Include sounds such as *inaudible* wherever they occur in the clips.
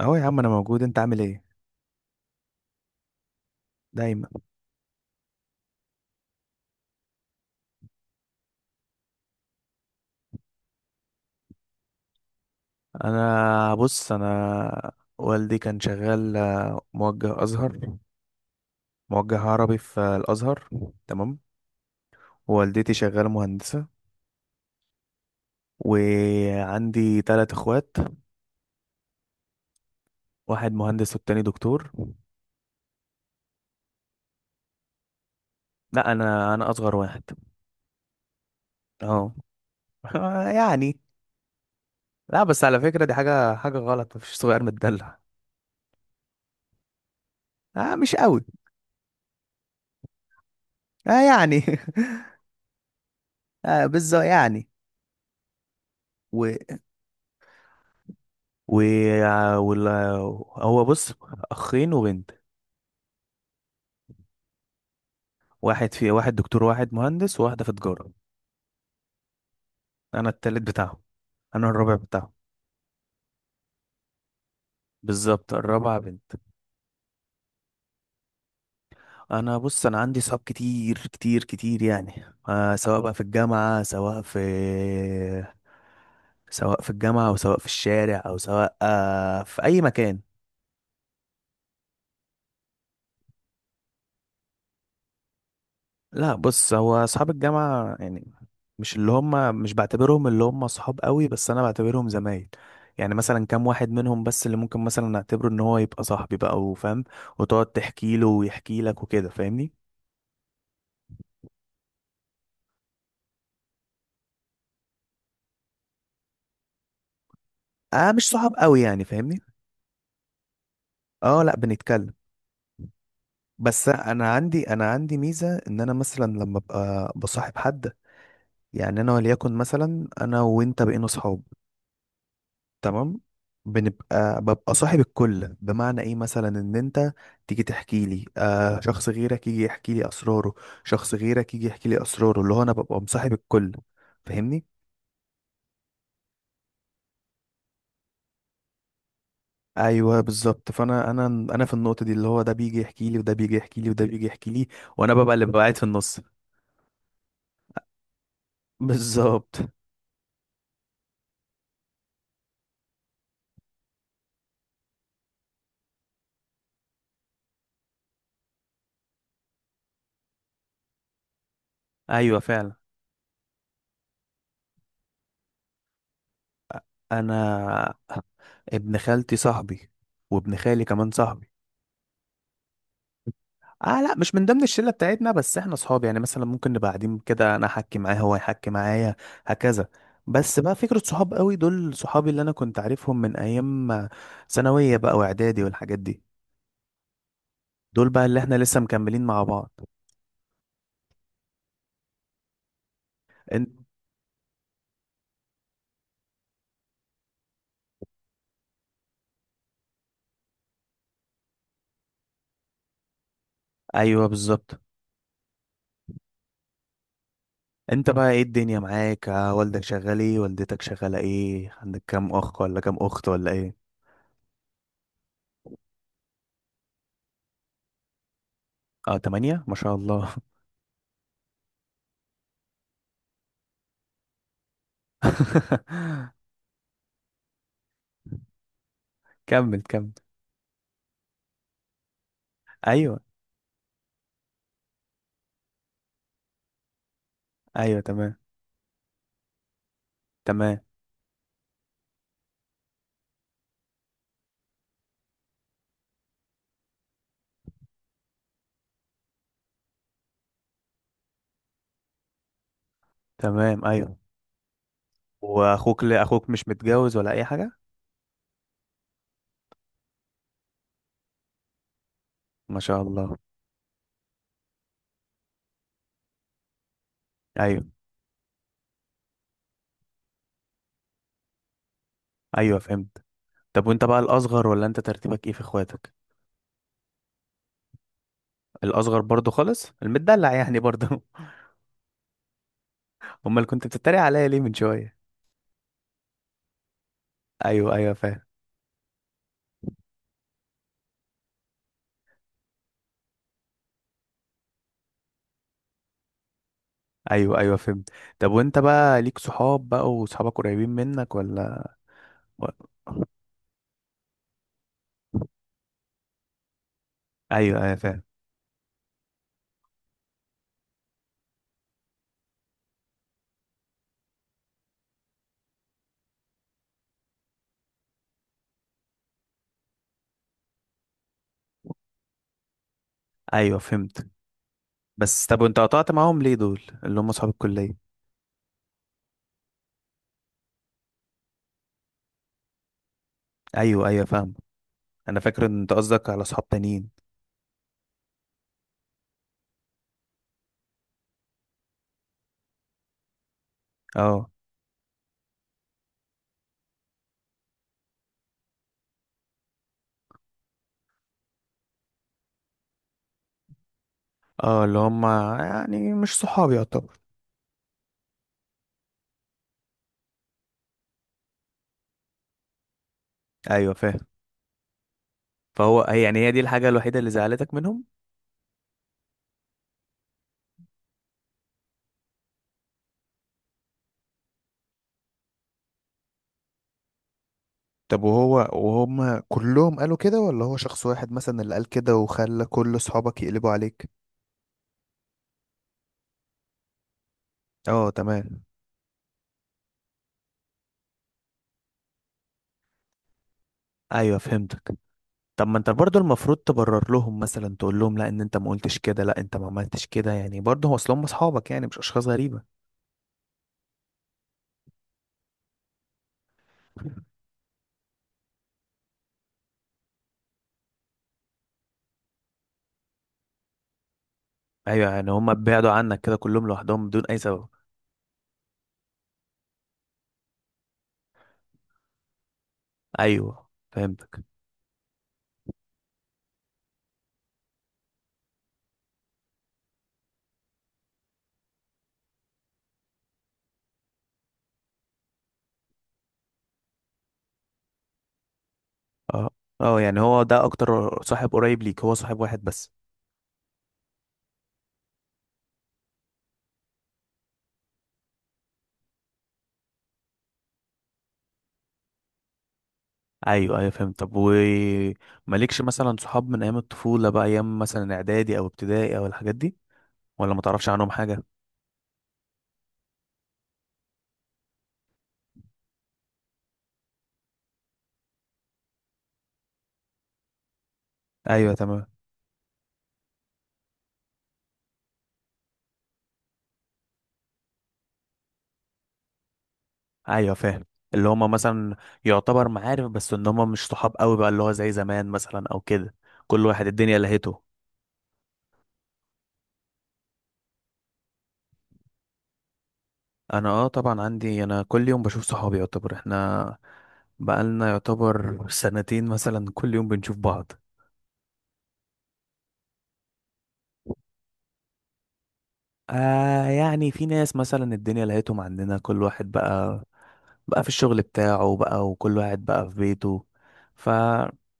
اهو يا عم، انا موجود، انت عامل ايه؟ دايما. انا بص، انا والدي كان شغال موجه ازهر، موجه عربي في الازهر. تمام. ووالدتي شغاله مهندسه، وعندي ثلاث اخوات، واحد مهندس والتاني دكتور. لا، انا اصغر واحد. اه. *laughs* يعني لا بس على فكره، دي حاجه غلط، مفيش صغير متدلع. آه مش قوي. آه يعني. *laughs* آه بالظبط يعني. و وال... هو بص، اخين وبنت، واحد في واحد دكتور واحد مهندس وواحده في تجاره. انا التالت بتاعهم. انا الرابع بتاعهم. بالظبط، الرابعه بنت. انا بص، انا عندي صحاب كتير كتير كتير يعني، سواء بقى في الجامعه سواء في، سواء في الجامعه او سواء في الشارع او سواء في اي مكان. لا بص، هو اصحاب الجامعه يعني، مش بعتبرهم اللي هم صحاب قوي، بس انا بعتبرهم زمايل. يعني مثلا كام واحد منهم بس اللي ممكن مثلا نعتبره ان هو يبقى صاحبي بقى، وفاهم وتقعد تحكي له ويحكي لك وكده، فاهمني. اه مش صحاب قوي يعني، فاهمني. اه لا بنتكلم. بس انا عندي ميزه، ان انا مثلا لما ابقى بصاحب حد، يعني انا وليكن مثلا انا وانت بقينا صحاب، تمام، ببقى صاحب الكل. بمعنى ايه؟ مثلا ان انت تيجي تحكي لي، شخص غيرك يجي يحكي لي اسراره، شخص غيرك يجي يحكي لي اسراره، اللي هو انا ببقى مصاحب الكل، فاهمني. ايوه بالظبط، فانا انا انا في النقطه دي، اللي هو ده بيجي يحكي لي وده بيجي يحكي لي وده بيجي يحكي لي، وانا ببقى اللي ببقى قاعد في النص. بالظبط. ايوه فعلا. انا ابن خالتي صاحبي، وابن خالي كمان صاحبي. اه لا، مش من ضمن الشله بتاعتنا، بس احنا اصحاب يعني. مثلا ممكن نبقى قاعدين كده، انا احكي معاه هو يحكي معايا، هكذا. بس بقى فكره، صحاب قوي دول صحابي اللي انا كنت عارفهم من ايام ثانويه بقى واعدادي والحاجات دي، دول بقى اللي احنا لسه مكملين مع بعض. انت ايوه بالظبط. انت بقى ايه الدنيا معاك، والدك شغال ايه، والدتك شغاله ايه، عندك كام اخ ولا كام اخت ولا ايه؟ اه تمانية ما شاء الله. *laughs* كمل كمل. ايوه ايوه تمام. تمام. تمام. ايوه. اخوك مش متجوز ولا اي حاجه؟ ما شاء الله. ايوه ايوه فهمت. طب وانت بقى الاصغر، ولا انت ترتيبك ايه في اخواتك؟ الاصغر برضو خالص، المدلع يعني برضو. *laughs* امال كنت بتتريق عليا ليه من شويه؟ ايوه ايوه فاهم. ايوه ايوه فهمت. طب وانت بقى ليك صحاب بقى، وصحابك قريبين منك ولا؟ و- ايوه ايوه فاهم. ايوه فهمت. بس طب وانت قطعت معاهم ليه، دول اللي هم صحاب الكليه؟ ايوه ايوه فاهم. انا فاكر ان انت قصدك على صحاب تانيين. اه اه، اللي هم يعني مش صحابي يعتبر. ايوه فاهم. فهو هي يعني هي دي الحاجة الوحيدة اللي زعلتك منهم. طب وهم كلهم قالوا كده، ولا هو شخص واحد مثلا اللي قال كده وخلى كل صحابك يقلبوا عليك؟ اه تمام. ايوه فهمتك. طب ما انت برضو المفروض تبرر لهم، مثلا تقول لهم لا ان انت ما قلتش كده، لا انت ما عملتش كده، يعني برضه هو اصل هم اصحابك يعني، مش اشخاص غريبة. ايوه يعني هم بعدوا عنك كده كلهم لوحدهم بدون اي سبب. ايوه فهمتك. اه اه يعني هو ده اكتر صاحب قريب ليك، هو صاحب واحد بس. ايوه ايوه فهمت. طب ومالكش مثلا صحاب من ايام الطفولة بقى، ايام مثلا اعدادي او ابتدائي او الحاجات دي؟ ولا ما تعرفش عنهم حاجة؟ ايوه تمام. ايوه فاهم. اللي هما مثلا يعتبر معارف بس، ان هما مش صحاب قوي بقى، اللي هو زي زمان مثلا او كده. كل واحد الدنيا لهيته. انا اه طبعا عندي، انا كل يوم بشوف صحابي يعتبر، احنا بقالنا يعتبر سنتين مثلا كل يوم بنشوف بعض. يعني في ناس مثلا الدنيا لقيتهم عندنا، كل واحد بقى بقى في الشغل بتاعه بقى، وكل واحد بقى في بيته. فتيجي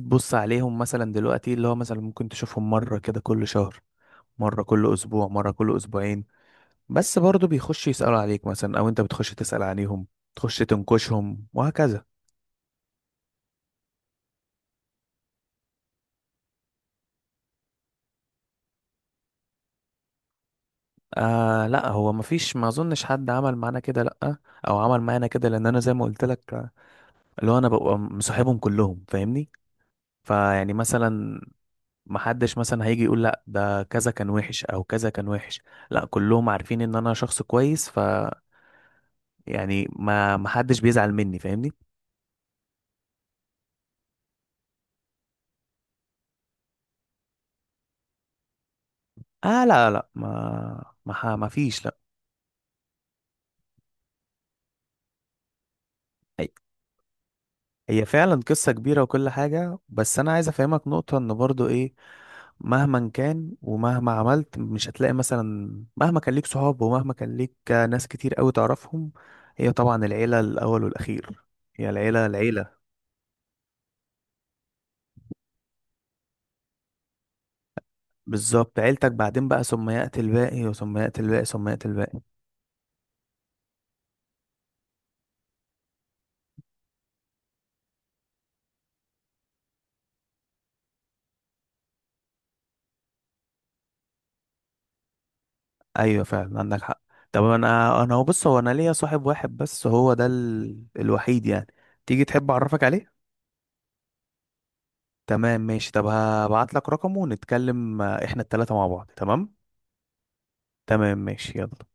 تبص عليهم مثلا دلوقتي، اللي هو مثلا ممكن تشوفهم مرة كده كل شهر، مرة كل اسبوع، مرة كل اسبوعين. بس برضه بيخش يسألوا عليك مثلا، او انت بتخش تسأل عليهم، تخش تنكشهم وهكذا. آه لا، هو مفيش، ما اظنش حد عمل معانا كده، لا. او عمل معانا كده، لان انا زي ما قلت لك، اللي هو انا ببقى مصاحبهم كلهم، فاهمني. فيعني مثلا، محدش مثلا هيجي يقول لا ده كذا كان وحش او كذا كان وحش. لا كلهم عارفين ان انا شخص كويس، ف يعني ما محدش بيزعل مني، فاهمني. اه لا لا، ما فيش، لا. هي هي فعلا قصة كبيرة وكل حاجة، بس انا عايز افهمك نقطة، ان برضو ايه، مهما كان ومهما عملت مش هتلاقي مثلا، مهما كان ليك صحاب ومهما كان ليك ناس كتير قوي تعرفهم، هي طبعا العيلة الأول والأخير. هي العيلة العيلة. بالظبط، عيلتك بعدين بقى ثم يأتي الباقي، وثم يأتي الباقي، ثم يأتي الباقي. أيوة فعلا، عندك حق. طب أنا هو بص، هو أنا ليا صاحب واحد بس، هو ده الوحيد يعني. تيجي تحب أعرفك عليه؟ تمام ماشي. طب هبعت لك رقمه ونتكلم، إحنا التلاتة مع بعض تمام. تمام ماشي يلا.